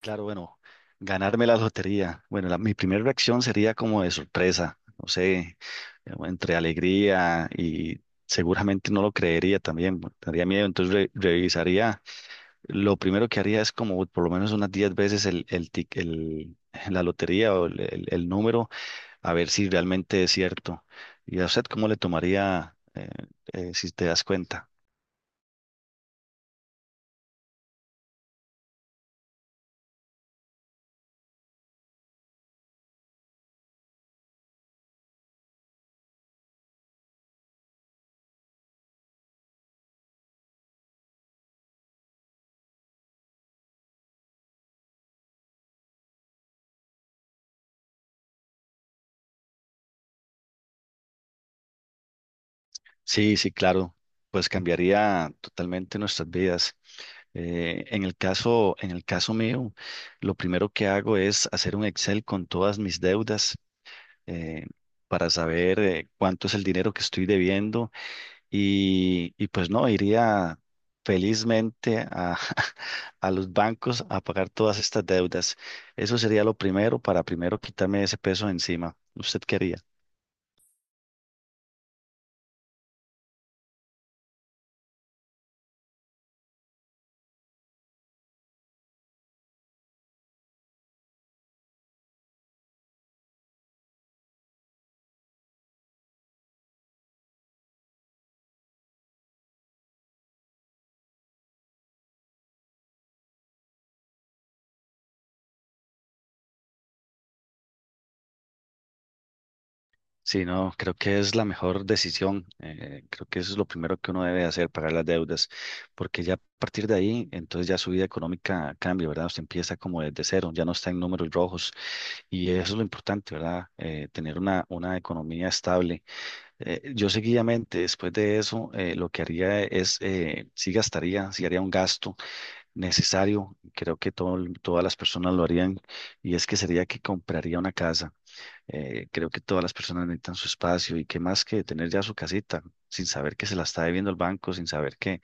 Claro, bueno, ganarme la lotería. Bueno, mi primera reacción sería como de sorpresa, no sé, entre alegría y seguramente no lo creería también, tendría miedo, entonces revisaría. Lo primero que haría es como por lo menos unas 10 veces el la lotería o el número, a ver si realmente es cierto. ¿Y a usted cómo le tomaría si te das cuenta? Sí, sí, claro, pues cambiaría totalmente nuestras vidas. En el caso mío, lo primero que hago es hacer un Excel con todas mis deudas eh, para saber cuánto es el dinero que estoy debiendo y pues no, iría felizmente a, a los bancos a pagar todas estas deudas. Eso sería lo primero para primero quitarme ese peso de encima. ¿Usted qué haría? Sí, no, creo que es la mejor decisión. Creo que eso es lo primero que uno debe hacer, pagar las deudas, porque ya a partir de ahí, entonces ya su vida económica cambia, ¿verdad? Usted empieza como desde cero, ya no está en números rojos y eso es lo importante, ¿verdad? Tener una economía estable. Yo seguidamente, después de eso, lo que haría es, sí gastaría, sí haría un gasto necesario, creo que todas las personas lo harían, y es que sería que compraría una casa. Creo que todas las personas necesitan su espacio y qué más que tener ya su casita, sin saber que se la está debiendo el banco, sin saber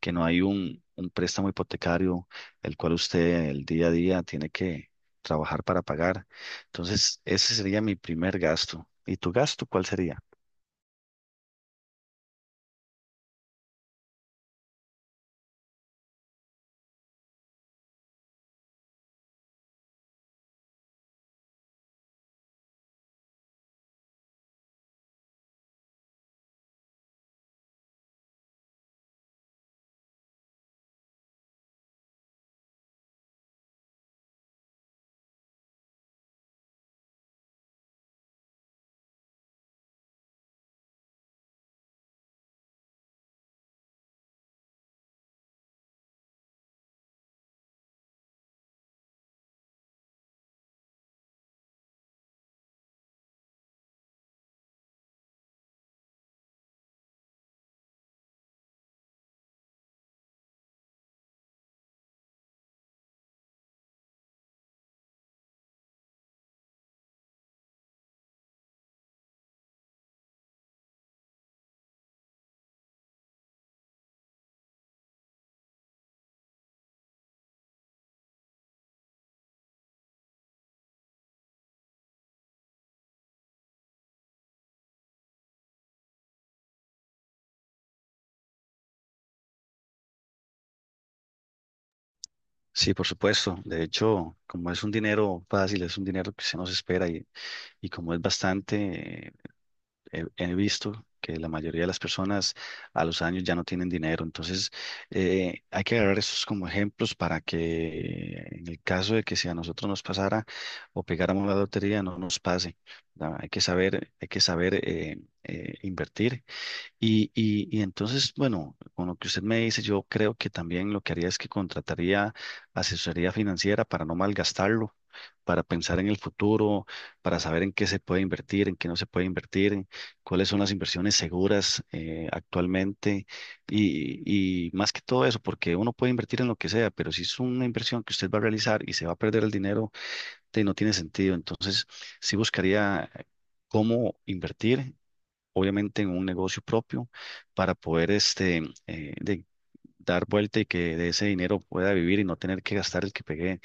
que no hay un préstamo hipotecario el cual usted el día a día tiene que trabajar para pagar. Entonces, ese sería mi primer gasto. ¿Y tu gasto cuál sería? Sí, por supuesto. De hecho, como es un dinero fácil, es un dinero que se nos espera y como es bastante he visto que la mayoría de las personas a los años ya no tienen dinero. Entonces, hay que agarrar estos como ejemplos para que en el caso de que si a nosotros nos pasara o pegáramos la lotería, no nos pase. ¿Verdad? Hay que saber invertir y entonces, bueno, con lo que usted me dice, yo creo que también lo que haría es que contrataría asesoría financiera para no malgastarlo, para pensar en el futuro, para saber en qué se puede invertir, en qué no se puede invertir, en cuáles son las inversiones seguras actualmente y más que todo eso, porque uno puede invertir en lo que sea, pero si es una inversión que usted va a realizar y se va a perder el dinero, no tiene sentido. Entonces, sí buscaría cómo invertir obviamente en un negocio propio para poder eh, de- dar vuelta y que de ese dinero pueda vivir y no tener que gastar el que pegué.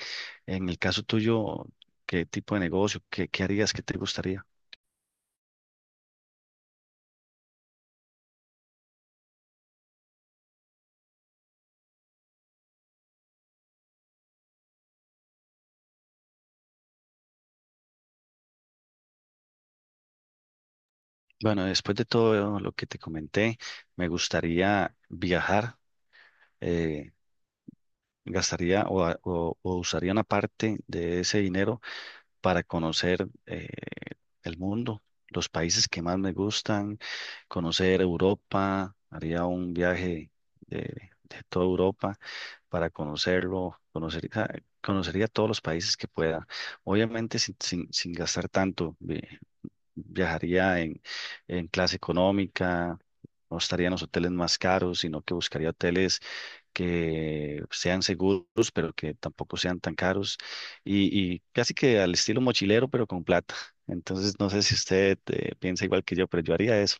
En el caso tuyo, ¿qué tipo de negocio? Qué harías? ¿Qué te gustaría? Bueno, después de todo lo que te comenté, me gustaría viajar, eh, gastaría o o usaría una parte de ese dinero para conocer el mundo, los países que más me gustan, conocer Europa, haría un viaje de toda Europa para conocerlo, conocería, conocería todos los países que pueda, obviamente sin gastar tanto. Viajaría en clase económica, no estaría en los hoteles más caros, sino que buscaría hoteles que sean seguros, pero que tampoco sean tan caros, y casi que al estilo mochilero, pero con plata. Entonces, no sé si usted piensa igual que yo, pero yo haría eso.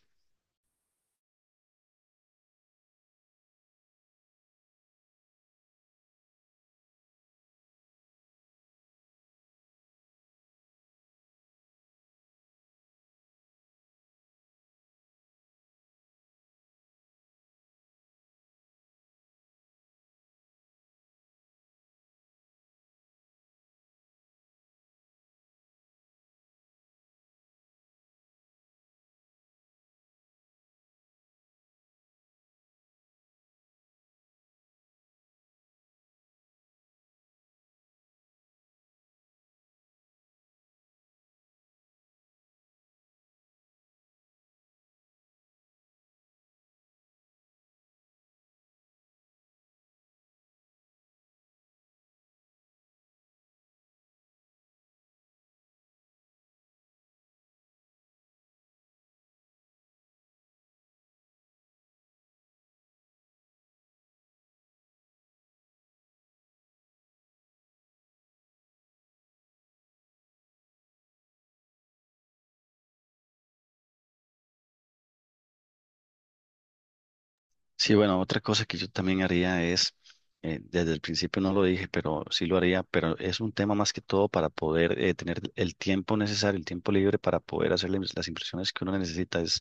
Sí, bueno, otra cosa que yo también haría es, desde el principio no lo dije, pero sí lo haría, pero es un tema más que todo para poder tener el tiempo necesario, el tiempo libre para poder hacer las impresiones que uno necesita, es,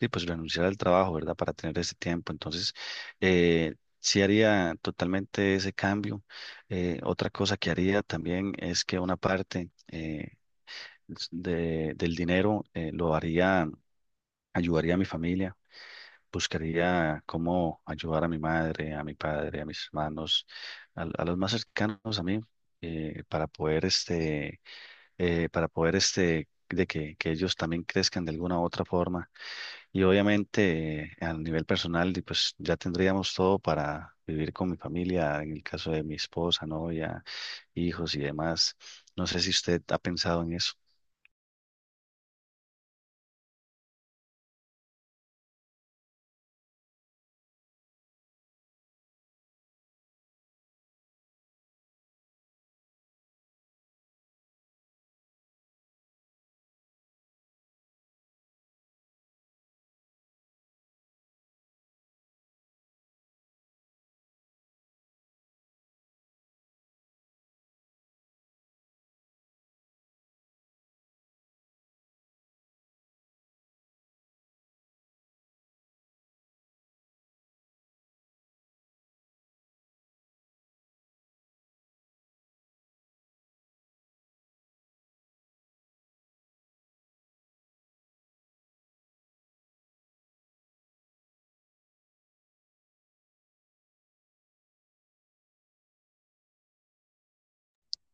sí, pues renunciar al trabajo, ¿verdad? Para tener ese tiempo. Entonces, sí haría totalmente ese cambio. Otra cosa que haría también es que una parte del dinero ayudaría a mi familia, buscaría cómo ayudar a mi madre, a mi padre, a mis hermanos, a los más cercanos a mí, eh, para poder este, para poder este, que ellos también crezcan de alguna u otra forma. Y obviamente, a nivel personal, di, pues ya tendríamos todo para vivir con mi familia, en el caso de mi esposa, novia, hijos y demás. No sé si usted ha pensado en eso.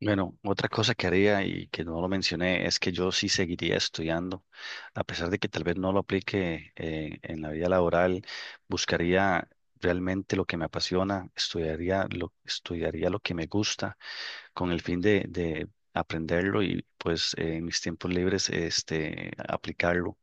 Bueno, otra cosa que haría y que no lo mencioné es que yo sí seguiría estudiando, a pesar de que tal vez no lo aplique en la vida laboral, buscaría realmente lo que me apasiona, estudiaría lo que me gusta con el fin de aprenderlo y pues en mis tiempos libres este, aplicarlo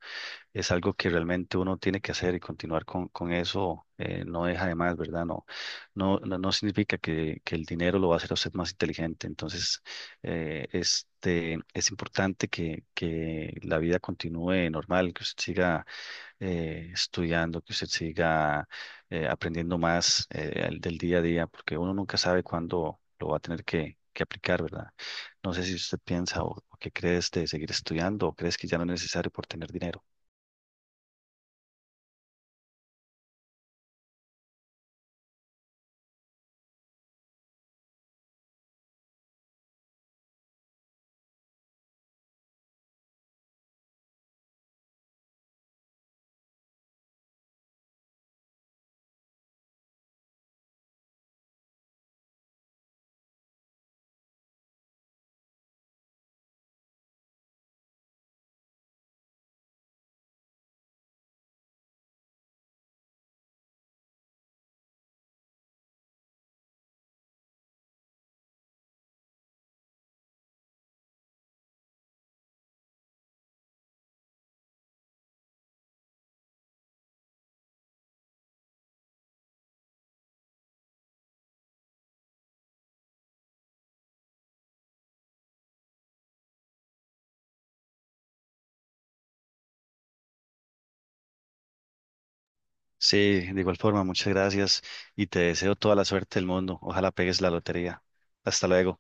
es algo que realmente uno tiene que hacer y continuar con eso no deja de más, ¿verdad? No, no no significa que el dinero lo va a hacer a usted más inteligente. Entonces, es importante que la vida continúe normal, que usted siga estudiando, que usted siga aprendiendo más del día a día, porque uno nunca sabe cuándo lo va a tener que aplicar, ¿verdad? No sé si usted piensa o qué crees de seguir estudiando o crees que ya no es necesario por tener dinero. Sí, de igual forma, muchas gracias y te deseo toda la suerte del mundo. Ojalá pegues la lotería. Hasta luego.